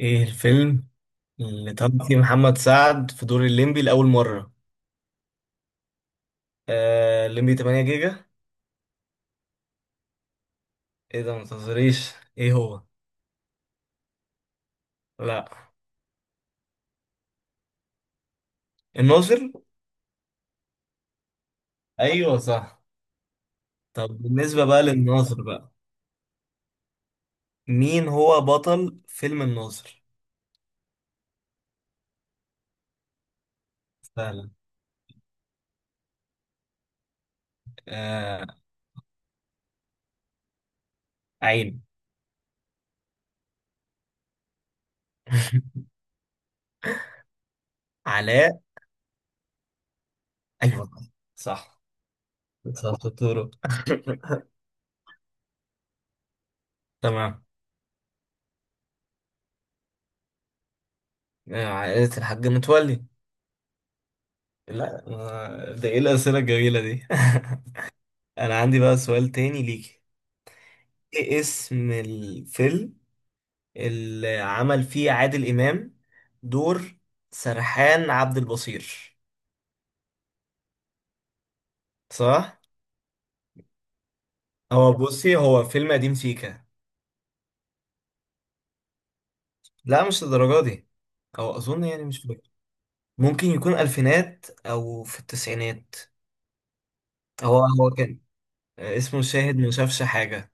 ايه الفيلم اللي طب فيه محمد سعد في دور الليمبي لأول مرة؟ الليمبي 8 جيجا. ايه ده؟ ما تهزريش. ايه هو؟ لا، الناظر. ايوه، صح. طب بالنسبة بقى للناظر بقى، مين هو بطل فيلم الناظر؟ سهلة. آه عين. علاء. ايوه، صح. صح، شطورة. تمام. عائلة الحاج متولي. لا، ده ايه الأسئلة الجميلة دي؟ انا عندي بقى سؤال تاني ليكي. ايه اسم الفيلم اللي عمل فيه عادل إمام دور سرحان عبد البصير؟ صح؟ هو بصي، هو فيلم قديم سيكا. لا، مش للدرجة دي، أو أظن يعني مش فاكر. ممكن يكون ألفينات أو في التسعينات. هو كان، اسمه شاهد ما شافش حاجة.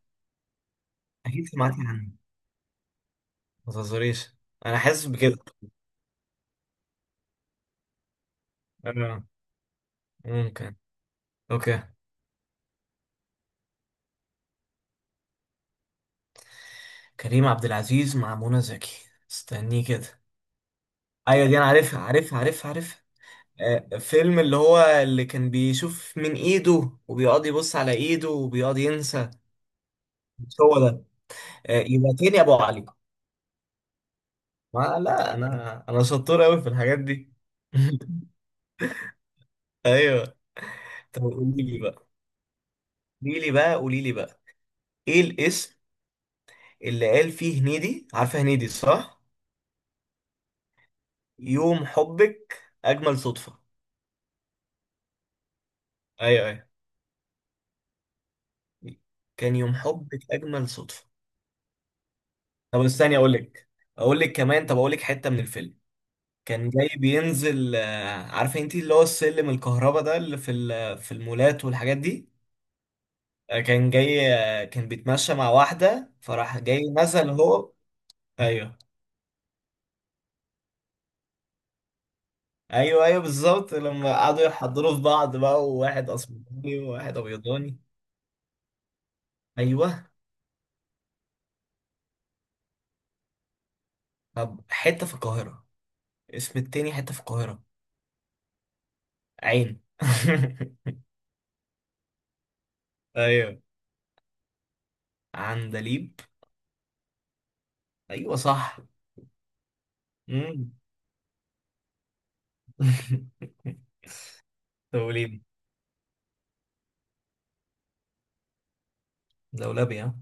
أكيد سمعتي عنه، ما تهزريش، أنا حاسس بكده. آه. ممكن. أوكي. كريم عبد العزيز مع منى زكي، استنيه كده. ايوه، دي انا عارفها عارفها عارفها عارفها. فيلم اللي هو اللي كان بيشوف من ايده وبيقعد يبص على ايده وبيقعد ينسى. مش هو ده؟ يبقى تاني ابو علي. ما لا، انا شطور قوي في الحاجات دي. ايوه. طب قولي لي بقى، قولي لي بقى، قولي لي بقى، ايه الاسم؟ اللي قال فيه هنيدي، عارفه هنيدي صح؟ يوم حبك اجمل صدفه. ايوه، ايوه. كان يوم حبك اجمل صدفه. طب استني اقول لك، اقول لك كمان، طب اقول لك حته من الفيلم. كان جاي بينزل، عارفه انت اللي هو السلم الكهرباء ده اللي في المولات والحاجات دي. كان جاي، كان بيتمشى مع واحده فراح جاي نزل هو. ايوه، ايوه، ايوه، بالظبط لما قعدوا يحضروا في بعض بقى، وواحد اسمراني وواحد ابيضاني. ايوه. طب حته في القاهره، اسم التاني حته في القاهره. عين. ايوه. عندليب. ايوه، صح. مم. دوليب. دولابي، ها؟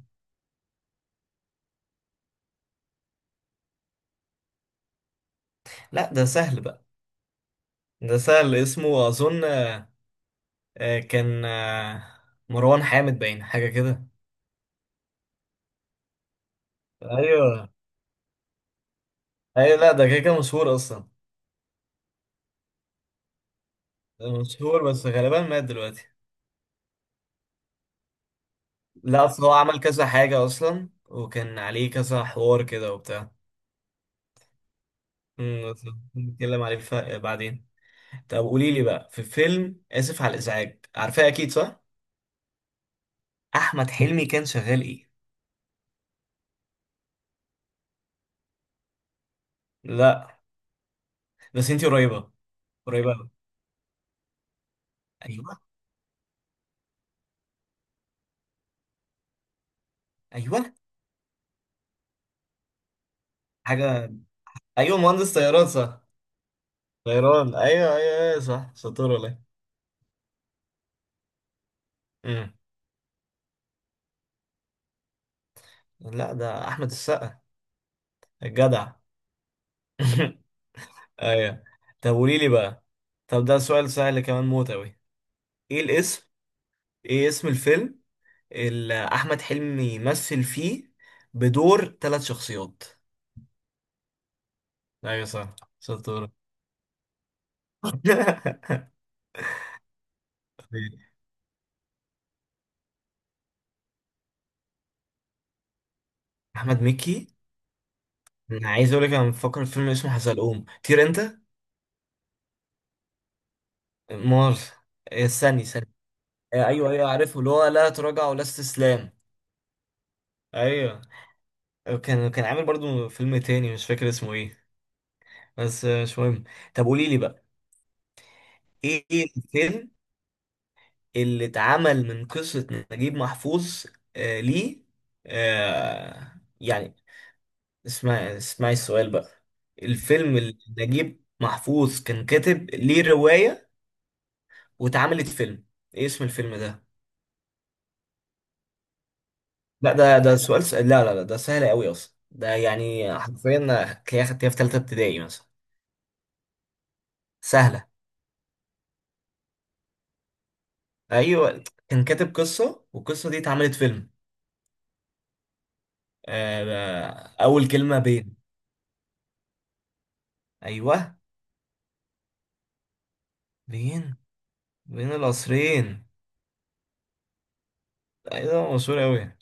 لا، ده سهل بقى، ده سهل اسمه اظن، كان مروان حامد باين حاجه كده. ايوه، ايوه. لا، ده كده كده مشهور اصلا. مشهور، بس غالبا مات دلوقتي. لا، اصل هو عمل كذا حاجه اصلا وكان عليه كذا حوار كده وبتاع. بس نتكلم عليه بعدين. طب قولي لي بقى، في فيلم اسف على الازعاج، عارفاه اكيد صح؟ احمد حلمي كان شغال ايه؟ لا، بس انتي قريبه، قريبه أوي. ايوه. ايوه، حاجه، ايوه، مهندس طيارات، صح. غيران، ايوه، ايوه، ايوه، صح، ساتور ولا إيه؟ امم لا، ده احمد السقا، الجدع. ايوه. طب قولي لي بقى، طب ده سؤال سهل كمان موت اوي. ايه الاسم؟ ايه اسم الفيلم اللي احمد حلمي يمثل فيه بدور ثلاث شخصيات؟ ايوه، صح، ساتور. احمد مكي. انا عايز اقول لك، انا بفكر في فيلم اسمه حزلقوم طير انت. مار، ثاني ثاني. ايوه، ايوه، عارفه اللي هو لا تراجع ولا استسلام. ايوه. كان عامل برضو فيلم تاني، مش فاكر اسمه ايه. بس مش مهم. طب قولي لي بقى، إيه الفيلم اللي اتعمل من قصة نجيب محفوظ. ليه، آه يعني، اسمعي اسمعي السؤال بقى، الفيلم اللي نجيب محفوظ كان كاتب ليه رواية واتعملت فيلم، ايه اسم الفيلم ده؟ لا، ده سؤال لا، لا، لا، ده سهل قوي اصلا، ده يعني حرفيا هتلاقيها خدتيها في تالتة ابتدائي مثلا، سهلة. ايوه، كان كاتب قصه والقصه دي اتعملت فيلم. آه، اول كلمه بين. ايوه، بين، بين القصرين. ايوه، ده مشهور قوي.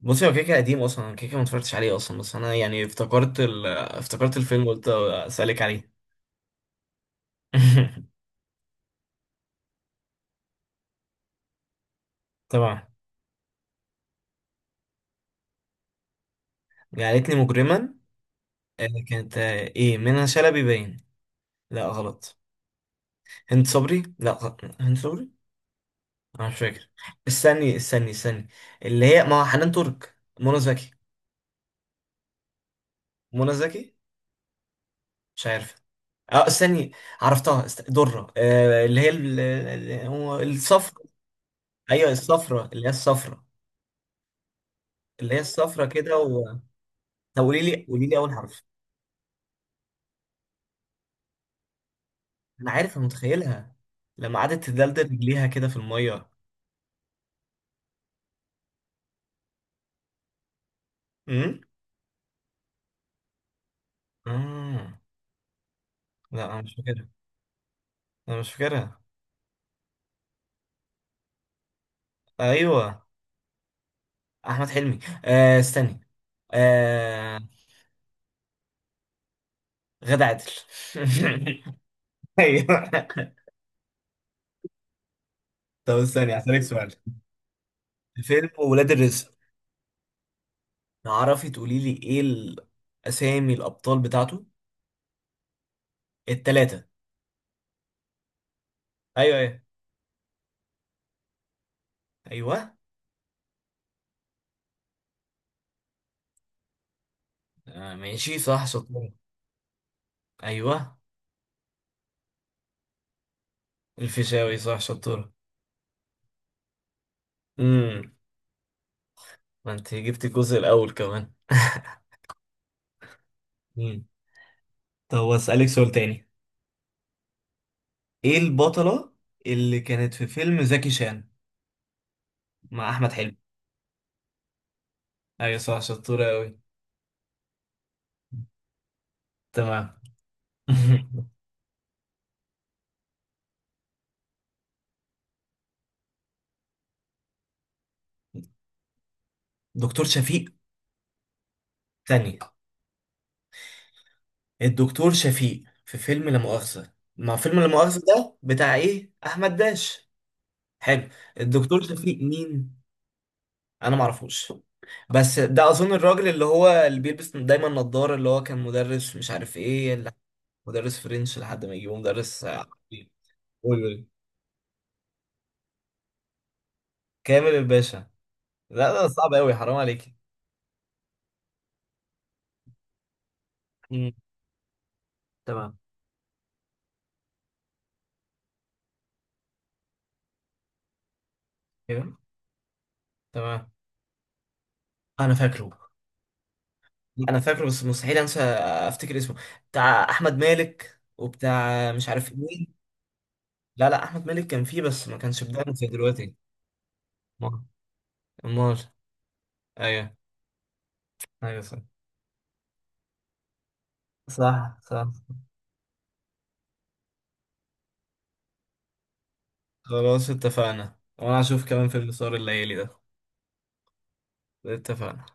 بصي، هو كيكه قديم اصلا، أنا كيكه ما اتفرجتش عليه اصلا، بس انا يعني افتكرت افتكرت الفيلم، قلت اسالك عليه. طبعا. جعلتني مجرما، كانت ايه، منى شلبي باين. لا، غلط. هند صبري. لا، غلط. هند صبري. انا مش فاكر، استني استني استني. اللي هي ما هو، حنان ترك، منى زكي. منى زكي. مش عارف. اه استني. عرفتها، درة، اللي هي الصفرا. ايوه الصفرا، اللي هي الصفرا. اللي هي الصفرا كده طب قولي لي، قولي لي اول حرف. انا عارف، انا متخيلها لما قعدت تدلدل رجليها كده في الميه. امم آه. لا، انا مش فاكرها، انا مش فاكرها. ايوه، احمد حلمي. استني. آه. غادة عادل. ايوه. طب استني هسألك سؤال، فيلم ولاد الرزق، تعرفي تقولي لي ايه الاسامي الابطال بتاعته التلاتة؟ ايوه، ايوه. ايوه. آه، ماشي، صح، شطورة. ايوه، الفيشاوي، صح، شطورة. امم ما انت جبت الجزء الاول كمان. مم. طب اسالك سؤال تاني، ايه البطلة اللي كانت في فيلم زكي شان مع احمد حلمي؟ ايوه، صح، شطورة قوي. تمام. دكتور شفيق؟ ثانية. الدكتور شفيق في فيلم لا مؤاخذة، ما فيلم لا مؤاخذة ده بتاع ايه، احمد داش؟ حلو. الدكتور شفيق مين؟ انا ما اعرفوش، بس ده اظن الراجل اللي هو اللي بيلبس دايما نظارة، اللي هو كان مدرس، مش عارف ايه مدرس فرنش لحد ما يجيبه مدرس عربي. قول، قول. كامل الباشا؟ لا، ده صعب قوي، حرام عليك. مم. تمام. كده، تمام. انا فاكره، انا فاكره بس مستحيل انسى افتكر اسمه. بتاع احمد مالك وبتاع مش عارف مين. لا، لا، احمد مالك كان فيه بس ما كانش بدقنه زي دلوقتي. امال؟ امال؟ ايوه، ايوه. صح، صح، صح. خلاص، اتفقنا، وانا هشوف كمان فيلم سهر الليالي ده. اتفقنا.